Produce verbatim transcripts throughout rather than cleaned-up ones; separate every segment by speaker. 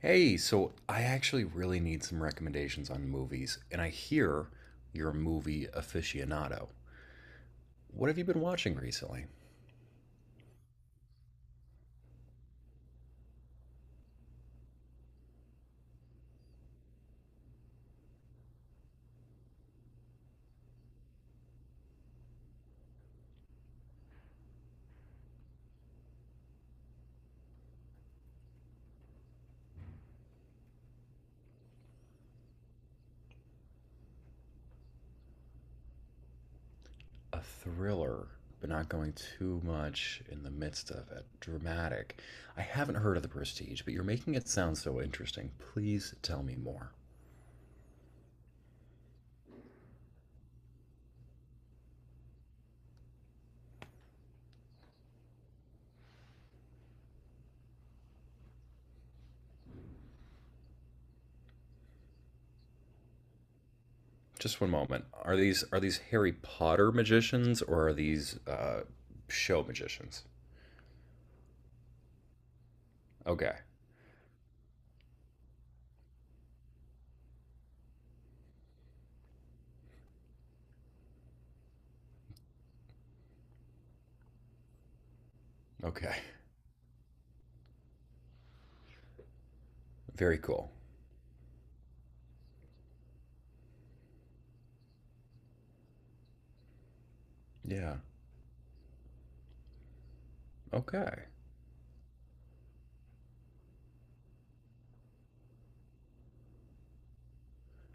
Speaker 1: Hey, so I actually really need some recommendations on movies, and I hear you're a movie aficionado. What have you been watching recently? A thriller, but not going too much in the midst of it. Dramatic. I haven't heard of The Prestige, but you're making it sound so interesting. Please tell me more. Just one moment. Are these are these Harry Potter magicians or are these uh, show magicians? Okay. Okay. Very cool. Yeah. Okay.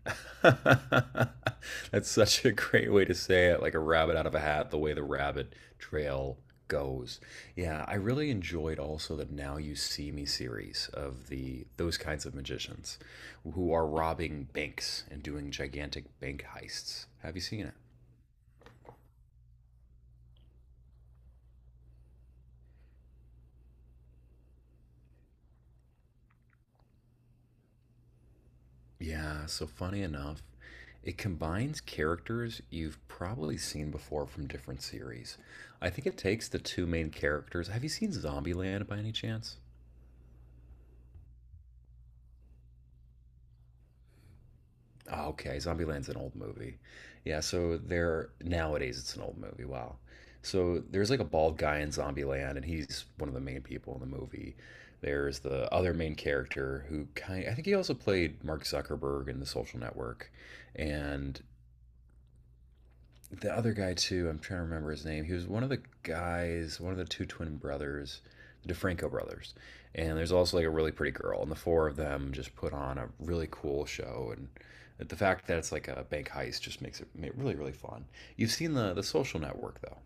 Speaker 1: That's such a great way to say it, like a rabbit out of a hat, the way the rabbit trail goes. Yeah, I really enjoyed also the Now You See Me series of the those kinds of magicians who are robbing banks and doing gigantic bank heists. Have you seen it? Yeah, so funny enough, it combines characters you've probably seen before from different series. I think it takes the two main characters. Have you seen Zombieland by any chance? Oh, okay, Zombieland's an old movie. Yeah, so there nowadays it's an old movie. Wow. So there's like a bald guy in Zombieland, and he's one of the main people in the movie. There's the other main character who kind I think he also played Mark Zuckerberg in The Social Network, and the other guy too. I'm trying to remember his name. He was one of the guys, one of the two twin brothers, the DeFranco brothers. And there's also like a really pretty girl, and the four of them just put on a really cool show. And the fact that it's like a bank heist just makes it really really fun. You've seen the the Social Network though.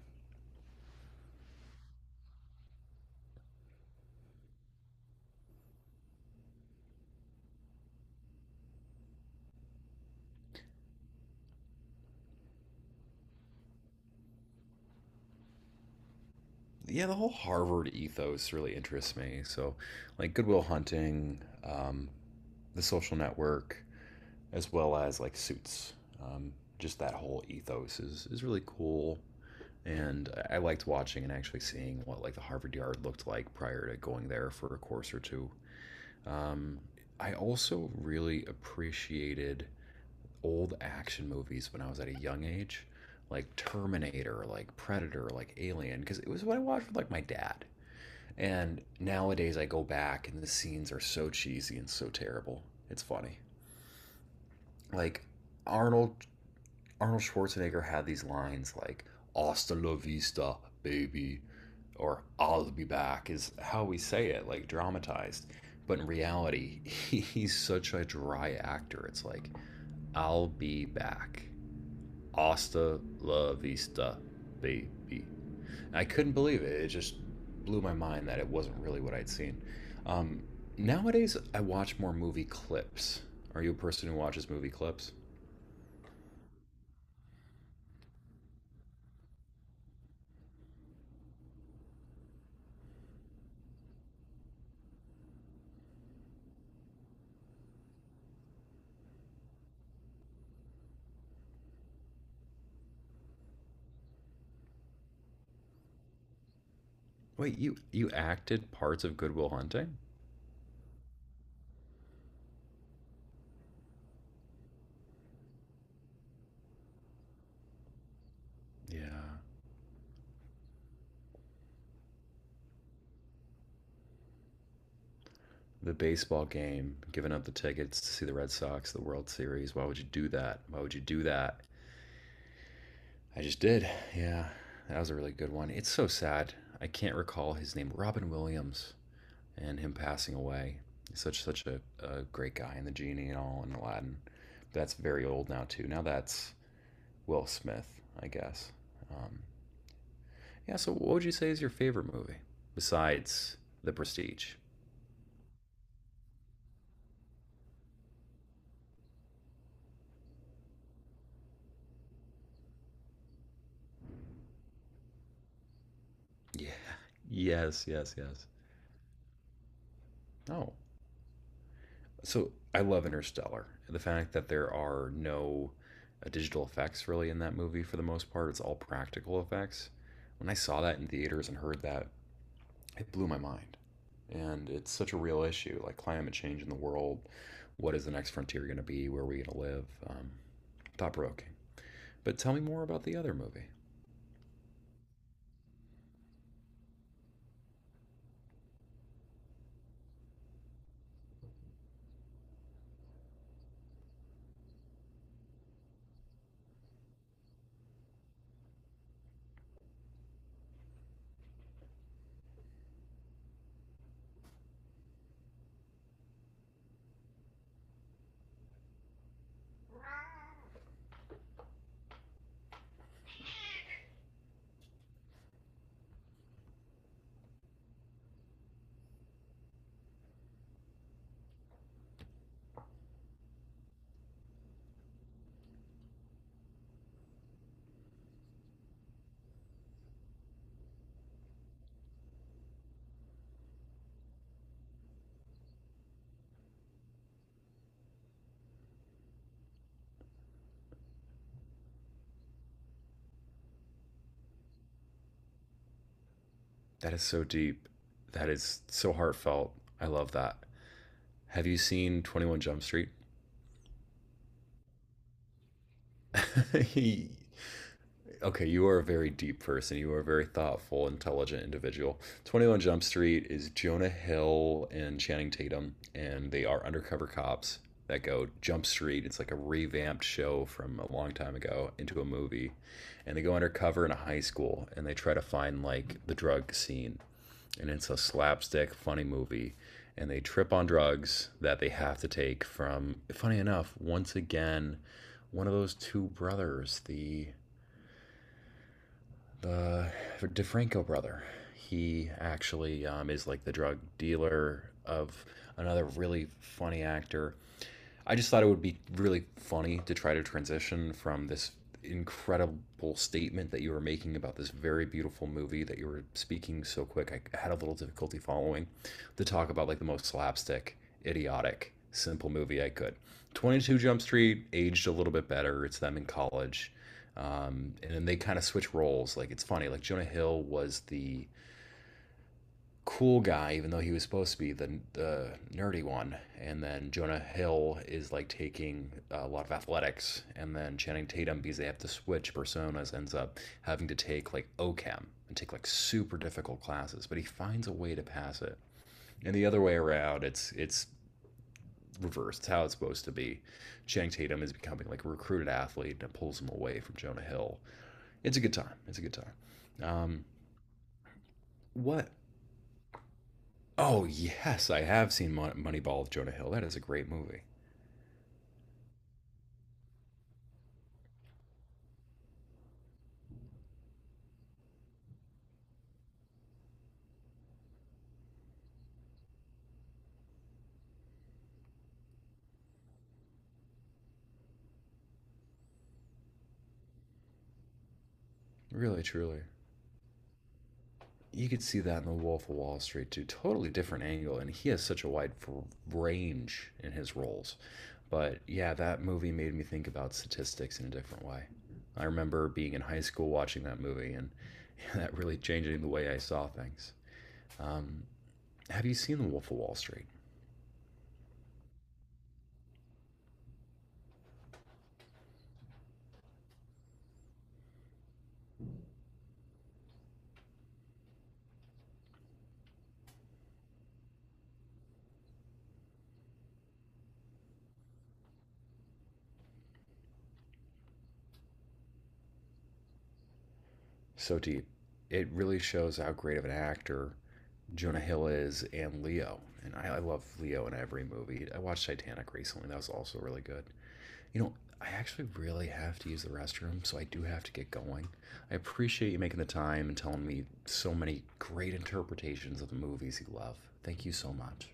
Speaker 1: Yeah, the whole Harvard ethos really interests me. So, like Goodwill Hunting, um, the Social Network, as well as like Suits. Um, just that whole ethos is is really cool and I liked watching and actually seeing what like the Harvard Yard looked like prior to going there for a course or two. Um, I also really appreciated old action movies when I was at a young age, like Terminator, like Predator, like Alien, because it was what I watched with like my dad. And nowadays I go back and the scenes are so cheesy and so terrible. It's funny. Like Arnold Arnold Schwarzenegger had these lines like "Hasta la vista, baby," or "I'll be back" is how we say it, like dramatized. But in reality, he's such a dry actor. It's like "I'll be back, hasta la vista, baby." I couldn't believe it. It just blew my mind that it wasn't really what I'd seen. Um, nowadays, I watch more movie clips. Are you a person who watches movie clips? Wait, you you acted parts of Goodwill Hunting? Yeah. The baseball game, giving up the tickets to see the Red Sox, the World Series. Why would you do that? Why would you do that? I just did. Yeah. That was a really good one. It's so sad. I can't recall his name. Robin Williams and him passing away. Such such a, a great guy and the genie and all and Aladdin. But that's very old now too. Now that's Will Smith, I guess. Um, yeah. So what would you say is your favorite movie besides The Prestige? Yeah. Yes. Yes. Yes. Oh, so I love Interstellar. The fact that there are no uh, digital effects really in that movie for the most part, it's all practical effects. When I saw that in theaters and heard that, it blew my mind. And it's such a real issue, like climate change in the world. What is the next frontier going to be? Where are we going to live? Um, thought provoking. But tell me more about the other movie. That is so deep. That is so heartfelt. I love that. Have you seen twenty-one Jump Street? Okay, you are a very deep person. You are a very thoughtful, intelligent individual. twenty-one Jump Street is Jonah Hill and Channing Tatum, and they are undercover cops that go Jump Street. It's like a revamped show from a long time ago into a movie. And they go undercover in a high school and they try to find like the drug scene. And it's a slapstick, funny movie. And they trip on drugs that they have to take from, funny enough, once again, one of those two brothers, the the DeFranco brother. He actually um, is like the drug dealer of another really funny actor. I just thought it would be really funny to try to transition from this incredible statement that you were making about this very beautiful movie that you were speaking so quick. I had a little difficulty following to talk about like the most slapstick, idiotic, simple movie I could. twenty-two Jump Street aged a little bit better. It's them in college. Um, and then they kind of switch roles. Like it's funny. Like Jonah Hill was the cool guy, even though he was supposed to be the the nerdy one. And then Jonah Hill is like taking a lot of athletics, and then Channing Tatum because they have to switch personas ends up having to take like OChem and take like super difficult classes, but he finds a way to pass it. And the other way around, it's it's reversed. It's how it's supposed to be. Channing Tatum is becoming like a recruited athlete and it pulls him away from Jonah Hill. It's a good time. It's a good time. Um, what Oh yes, I have seen Moneyball with Jonah Hill. That is a great movie. Really, truly. You could see that in The Wolf of Wall Street too. Totally different angle, and he has such a wide range in his roles. But yeah, that movie made me think about statistics in a different way. I remember being in high school watching that movie, and yeah, that really changing the way I saw things. Um, have you seen The Wolf of Wall Street? So deep. It really shows how great of an actor Jonah Hill is and Leo. And I, I love Leo in every movie. I watched Titanic recently. That was also really good. You know, I actually really have to use the restroom, so I do have to get going. I appreciate you making the time and telling me so many great interpretations of the movies you love. Thank you so much.